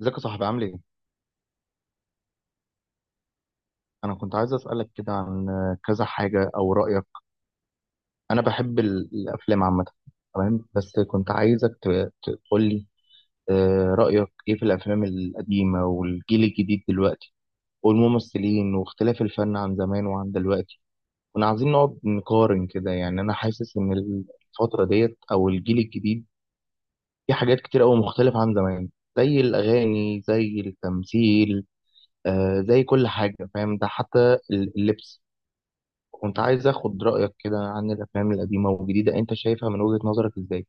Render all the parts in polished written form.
ازيك يا صاحبي؟ عامل ايه؟ انا كنت عايز اسالك كده عن كذا حاجه او رايك. انا بحب الافلام عامه. تمام، بس كنت عايزك تقول لي رايك ايه في الافلام القديمه والجيل الجديد دلوقتي، والممثلين واختلاف الفن عن زمان وعن دلوقتي. كنا عايزين نقعد نقارن كده، يعني انا حاسس ان الفتره ديت او الجيل الجديد في حاجات كتير قوي مختلفه عن زمان، زي الاغاني زي التمثيل، زي كل حاجه، فاهم؟ ده حتى اللبس. كنت عايز اخد رايك كده عن الافلام القديمه والجديده، انت شايفها من وجهه نظرك ازاي؟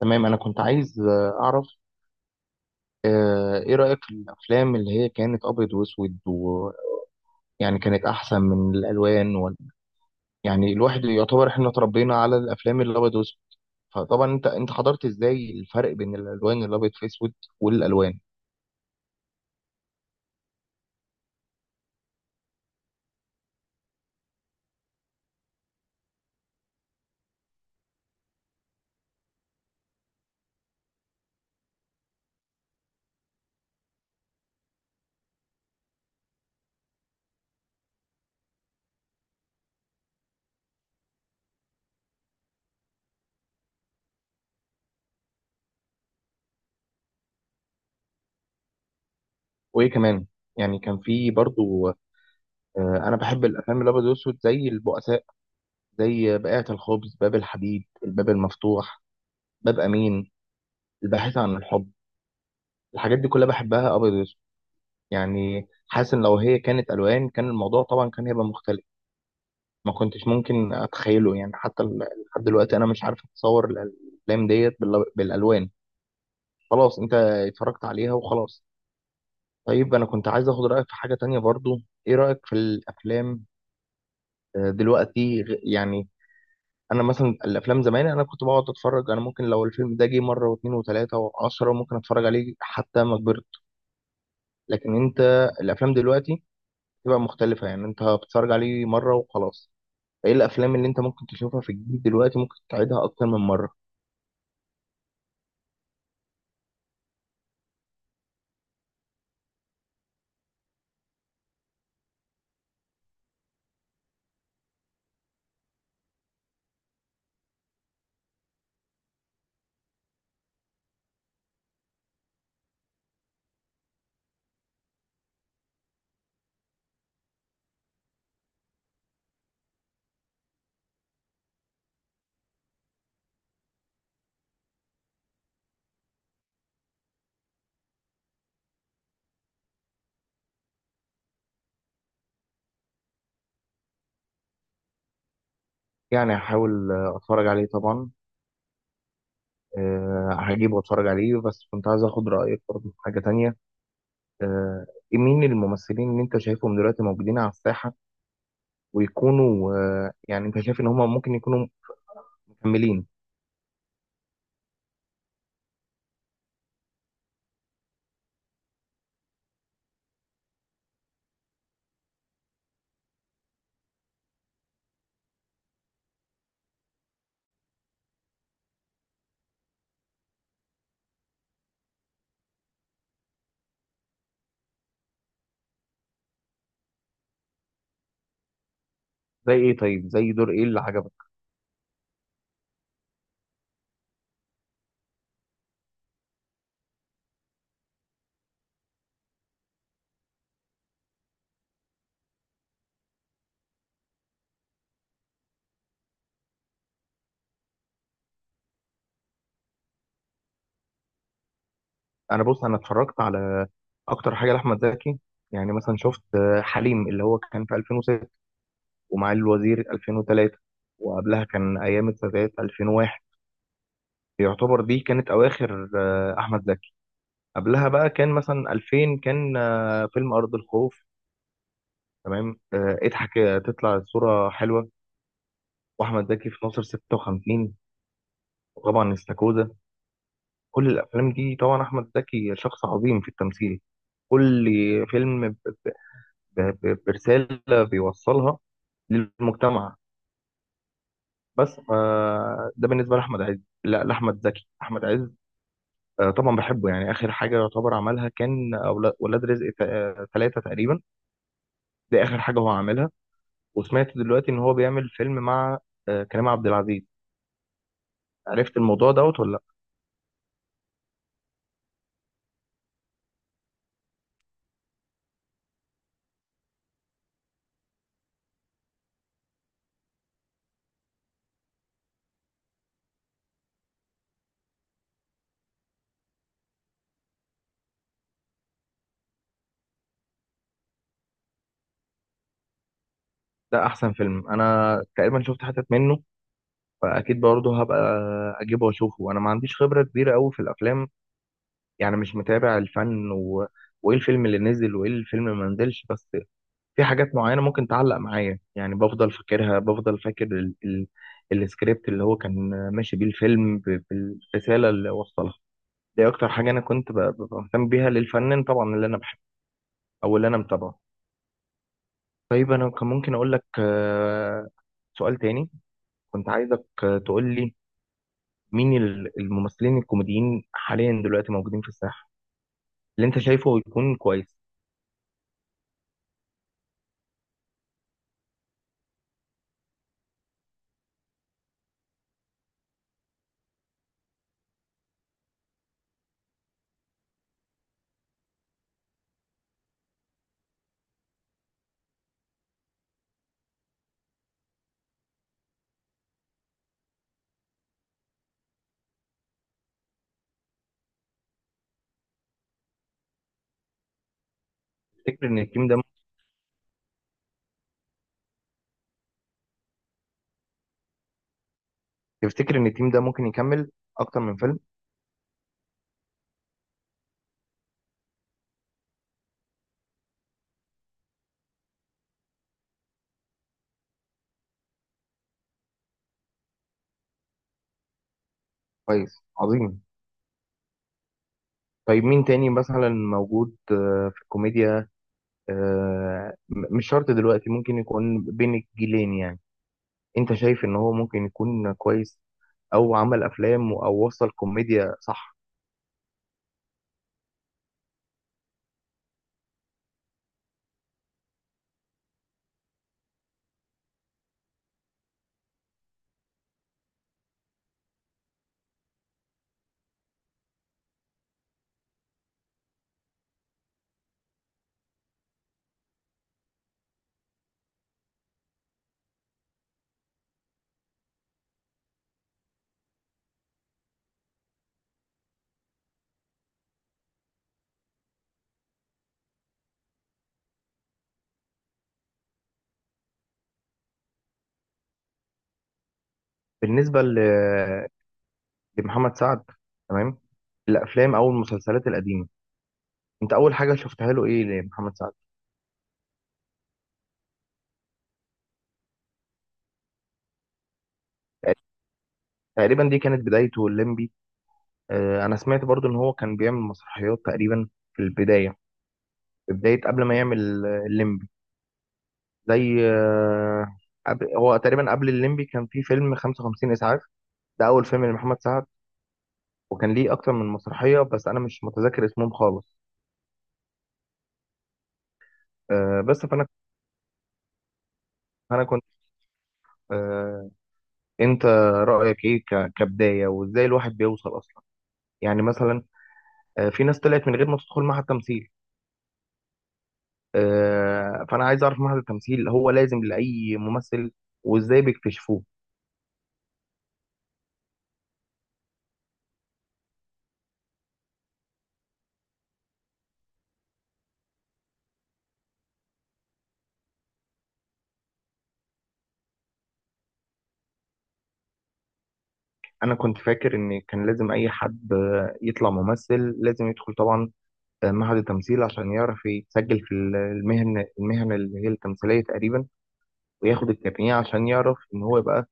تمام، انا كنت عايز اعرف ايه رايك في الافلام اللي هي كانت ابيض واسود، ويعني كانت احسن من الالوان يعني الواحد يعتبر احنا اتربينا على الافلام الابيض واسود. فطبعا انت حضرت ازاي الفرق بين الالوان الابيض في اسود والالوان؟ وايه كمان، يعني كان في برضو انا بحب الافلام الابيض واسود، زي البؤساء، زي بائعة الخبز، باب الحديد، الباب المفتوح، باب امين، الباحثة عن الحب. الحاجات دي كلها بحبها أبيض وأسود. يعني حاسس إن لو هي كانت ألوان كان الموضوع طبعا كان هيبقى مختلف، ما كنتش ممكن أتخيله. يعني حتى لحد دلوقتي أنا مش عارف أتصور الأفلام ديت بالألوان. خلاص، أنت اتفرجت عليها وخلاص. طيب أنا كنت عايز آخد رأيك في حاجة تانية برضو. إيه رأيك في الأفلام دلوقتي؟ يعني أنا مثلا الأفلام زمان أنا كنت بقعد أتفرج، أنا ممكن لو الفيلم ده جه مرة واتنين وتلاتة وعشرة ممكن أتفرج عليه حتى ما كبرت. لكن أنت الأفلام دلوقتي تبقى مختلفة، يعني انت بتتفرج عليه مرة وخلاص. ايه الافلام اللي انت ممكن تشوفها في الجديد دلوقتي ممكن تعيدها اكتر من مرة؟ يعني هحاول اتفرج عليه طبعا. أه، هجيبه واتفرج عليه. بس كنت عايز اخد رأيك برضه في حاجة تانية. أه، مين الممثلين اللي انت شايفهم دلوقتي موجودين على الساحة، ويكونوا أه، يعني انت شايف ان هم ممكن يكونوا مكملين؟ زي ايه؟ طيب زي دور ايه اللي عجبك؟ انا بص، انا اتفرجت على اكتر حاجة لاحمد زكي. يعني مثلا شفت حليم اللي هو كان في 2006، ومعالي الوزير 2003، وقبلها كان أيام السادات 2001. يعتبر دي كانت أواخر أحمد زكي. قبلها بقى كان مثلا 2000، كان فيلم أرض الخوف. تمام، اضحك تطلع الصورة حلوة. وأحمد زكي في ناصر 56، وطبعا استاكوزا. كل الأفلام دي طبعا أحمد زكي شخص عظيم في التمثيل. كل فيلم ب- برسالة بيوصلها للمجتمع. بس ده بالنسبة لأحمد عز، لا لأحمد زكي. أحمد عز طبعا بحبه، يعني اخر حاجه يعتبر عملها كان ولاد رزق ثلاثة تقريبا. دي اخر حاجه هو عاملها. وسمعت دلوقتي ان هو بيعمل فيلم مع كريم عبد العزيز. عرفت الموضوع دوت ولا لا؟ ده احسن فيلم انا تقريبا شفت حتت منه، فاكيد برضه هبقى اجيبه واشوفه. انا ما عنديش خبره كبيره قوي في الافلام، يعني مش متابع الفن وايه الفيلم اللي نزل وايه الفيلم اللي ما نزلش. بس في حاجات معينة ممكن تعلق معايا، يعني بفضل فاكرها، بفضل فاكر ال السكريبت اللي هو كان ماشي بيه الفيلم بالرسالة اللي وصلها. دي أكتر حاجة أنا كنت ببقى مهتم بيها للفنان طبعا اللي أنا بحبه أو اللي أنا متابعه. طيب أنا كان ممكن أقول لك سؤال تاني، كنت عايزك تقول لي مين الممثلين الكوميديين حاليا دلوقتي موجودين في الساحة اللي أنت شايفه يكون كويس. تفتكر إن التيم ده، تفتكر إن التيم ده ممكن يكمل أكتر من فيلم؟ كويس، عظيم. طيب مين تاني مثلا موجود في الكوميديا؟ مش شرط دلوقتي، ممكن يكون بين الجيلين يعني، انت شايف ان هو ممكن يكون كويس او عمل افلام او وصل كوميديا، صح؟ بالنسبة لمحمد سعد، تمام، الافلام او المسلسلات القديمة، انت اول حاجة شفتها له ايه لمحمد سعد؟ تقريبا دي كانت بدايته الليمبي. انا سمعت برضو ان هو كان بيعمل مسرحيات تقريبا في البداية، في بداية قبل ما يعمل الليمبي. زي هو تقريبا قبل الليمبي كان في فيلم 55 إسعاف، ده أول فيلم لمحمد سعد. وكان ليه أكتر من مسرحية بس أنا مش متذكر اسمهم خالص. بس فأنا، أنا كنت آه، أنت رأيك إيه كبداية، وإزاي الواحد بيوصل أصلا؟ يعني مثلا في ناس طلعت من غير ما تدخل معهد تمثيل. فأنا عايز أعرف معهد التمثيل هو لازم لأي ممثل، وإزاي بيكتشفوه؟ أنا كنت فاكر إن كان لازم أي حد يطلع ممثل لازم يدخل طبعا معهد التمثيل عشان يعرف يتسجل في المهن، اللي هي التمثيلية تقريبا، وياخد الكابينيه عشان يعرف إن هو يبقى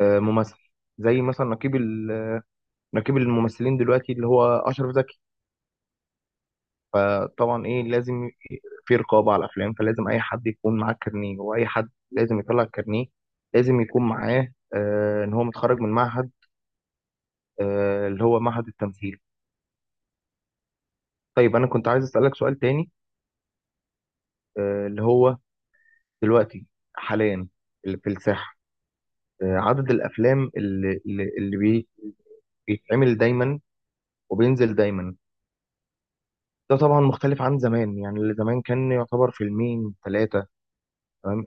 ممثل. زي مثلا نقيب نقيب الممثلين دلوقتي اللي هو أشرف زكي. فطبعا إيه، ي- في رقابة على الأفلام، فلازم أي حد يكون معاه كارنيه، وأي حد لازم يطلع الكارنيه لازم يكون معاه إن هو متخرج من معهد اللي هو معهد التمثيل. طيب أنا كنت عايز أسألك سؤال تاني، اللي هو دلوقتي حاليا اللي في الساحة، عدد الافلام بيتعمل دايما وبينزل دايما، ده طبعا مختلف عن زمان، يعني اللي زمان كان يعتبر فيلمين ثلاثه. تمام،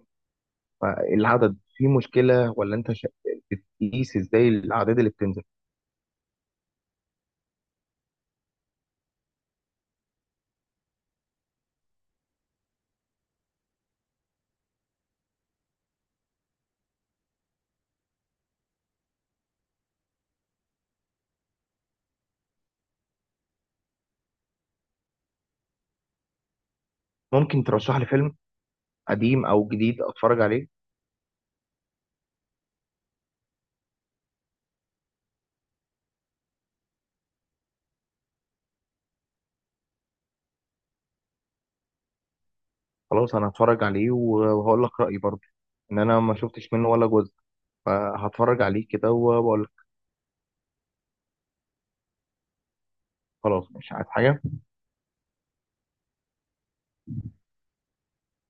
فالعدد في مشكله ولا انت بتقيس ازاي الاعداد اللي بتنزل؟ ممكن ترشح لي فيلم قديم او جديد اتفرج عليه؟ خلاص انا هتفرج عليه وهقول لك رايي برضه، ان انا ما شفتش منه ولا جزء، فهتفرج عليه كده وبقول لك. خلاص، مش عايز حاجه.